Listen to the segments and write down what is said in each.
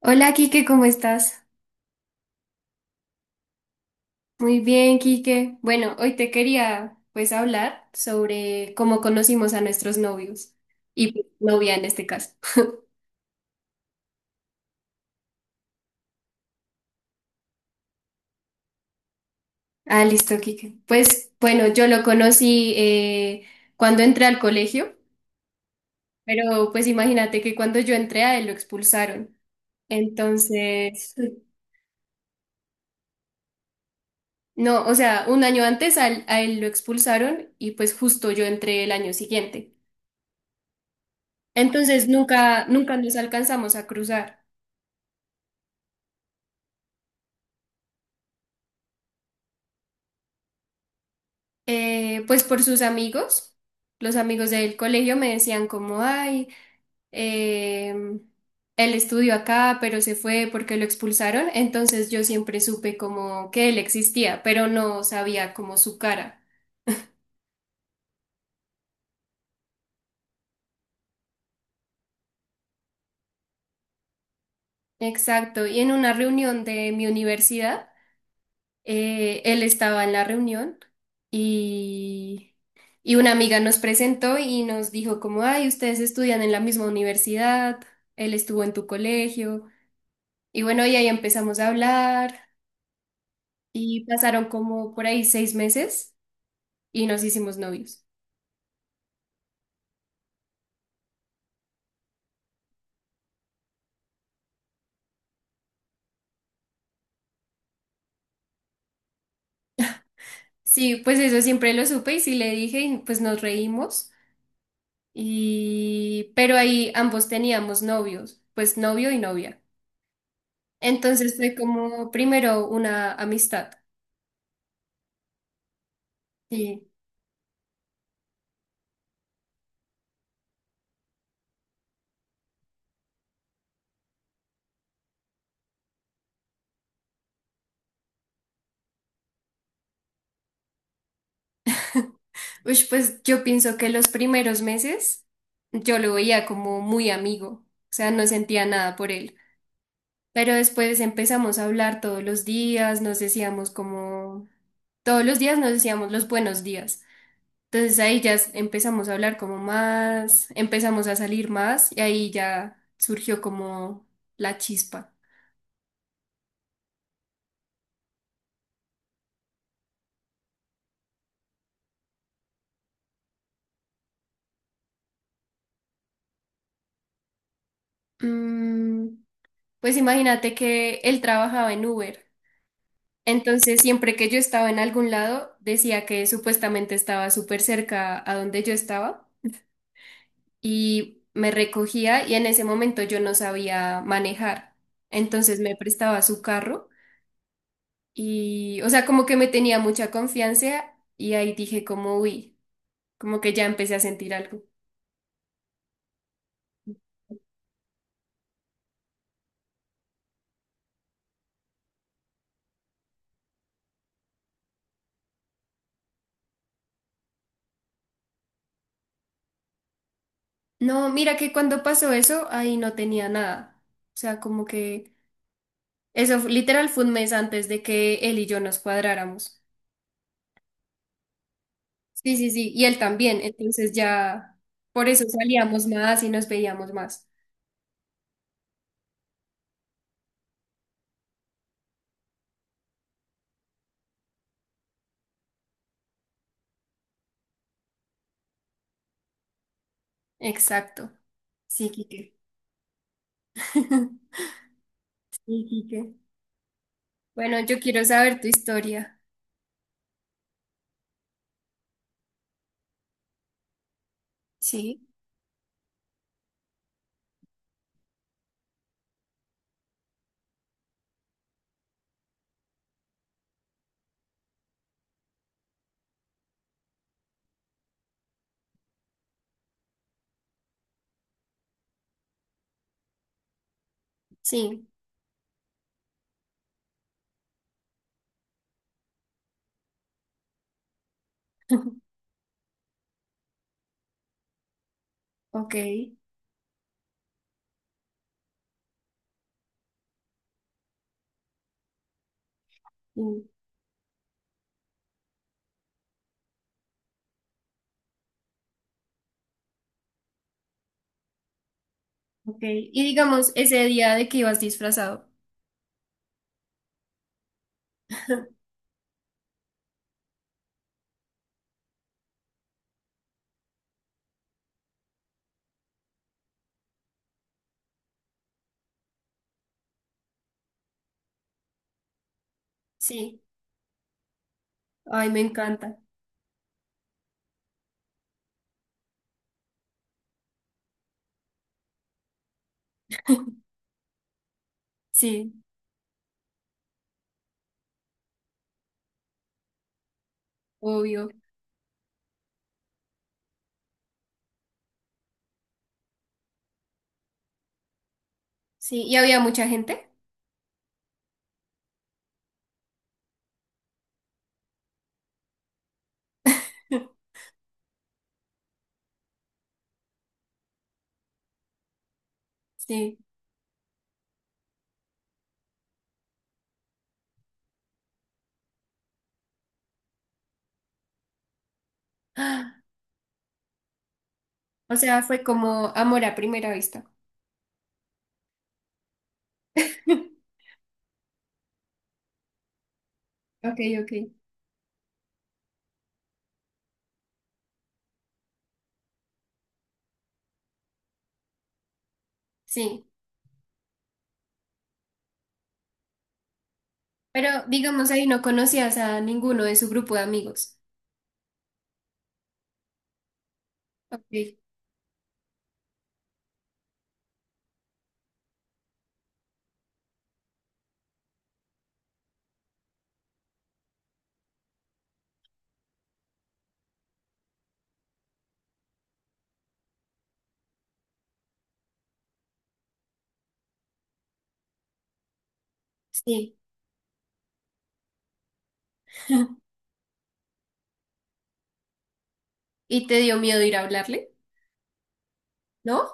Hola, Quique, ¿cómo estás? Muy bien, Quique. Bueno, hoy te quería pues hablar sobre cómo conocimos a nuestros novios y pues, novia en este caso. Ah, listo, Quique. Pues bueno, yo lo conocí cuando entré al colegio, pero pues imagínate que cuando yo entré a él lo expulsaron. Entonces, no, o sea, un año antes a él lo expulsaron y pues justo yo entré el año siguiente. Entonces nunca, nunca nos alcanzamos a cruzar. Pues por sus amigos, los amigos del colegio me decían como, ay, eh, él estudió acá, pero se fue porque lo expulsaron, entonces yo siempre supe como que él existía, pero no sabía como su cara. Exacto, y en una reunión de mi universidad, él estaba en la reunión y... Y una amiga nos presentó y nos dijo como, ay, ustedes estudian en la misma universidad, él estuvo en tu colegio. Y bueno, y ahí empezamos a hablar y pasaron como por ahí 6 meses y nos hicimos novios. Sí, pues eso siempre lo supe y sí le dije y pues nos reímos y pero ahí ambos teníamos novios, pues novio y novia. Entonces fue como primero una amistad. Y ush, pues yo pienso que los primeros meses yo lo veía como muy amigo, o sea, no sentía nada por él. Pero después empezamos a hablar todos los días, nos decíamos como, todos los días nos decíamos los buenos días. Entonces ahí ya empezamos a hablar como más, empezamos a salir más y ahí ya surgió como la chispa. Mm, pues imagínate que él trabajaba en Uber. Entonces siempre que yo estaba en algún lado, decía que supuestamente estaba súper cerca a donde yo estaba. Y me recogía y en ese momento yo no sabía manejar. Entonces me prestaba su carro y, o sea, como que me tenía mucha confianza y ahí dije como, uy, como que ya empecé a sentir algo. No, mira que cuando pasó eso, ahí no tenía nada. O sea, como que literal fue un mes antes de que él y yo nos cuadráramos. Sí, sí, sí, y él también. Entonces ya, por eso salíamos más y nos veíamos más. Exacto. Sí, Kike. Sí, Quique. Bueno, yo quiero saber tu historia. Sí. Sí. Ok. Mm, ok. Y digamos, ese día de que ibas disfrazado. Sí. Ay, me encanta. Sí, obvio. Sí. ¿Y había mucha gente? Sí. Ah, o sea, fue como amor a primera vista. Ok, ok. Sí. Pero digamos, ahí no conocías a ninguno de su grupo de amigos. Ok. Sí. ¿Y te dio miedo ir a hablarle? ¿No?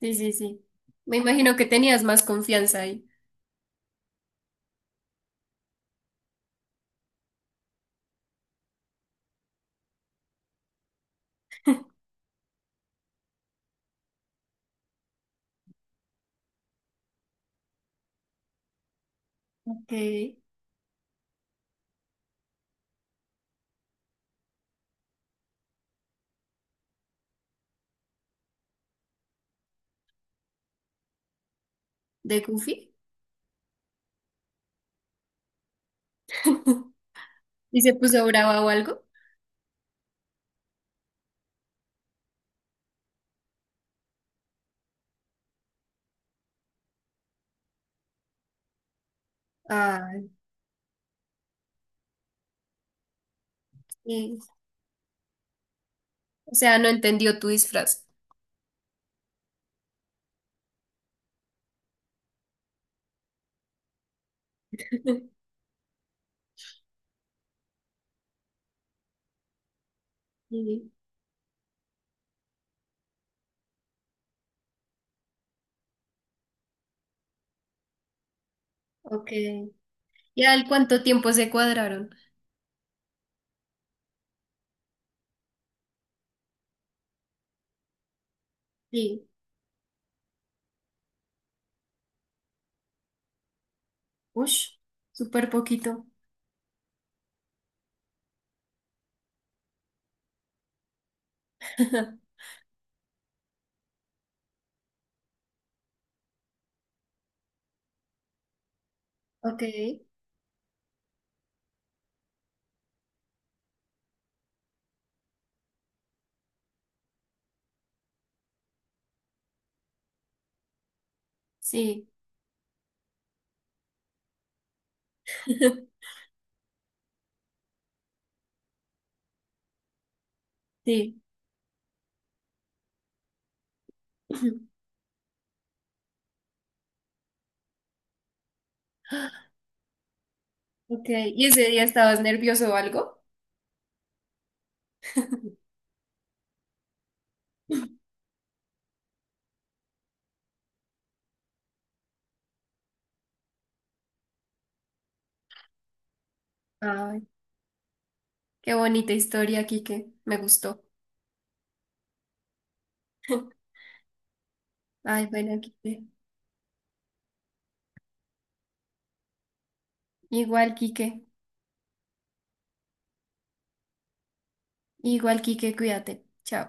Sí, sí, sí. Me imagino que tenías más confianza ahí. Ok. ¿De Goofy? ¿Y se puso brava o algo? Ah, sí. O sea, no entendió tu disfraz. Sí, ok. ¿Y al cuánto tiempo se cuadraron? Sí. Ush, súper poquito. Ok, sí, sí. Ok, ¿y ese día estabas nervioso o algo? Ay, qué bonita historia, Quique. Me gustó. Ay, bueno, Quique. Igual, Quique. Igual, Quique, cuídate. Chao.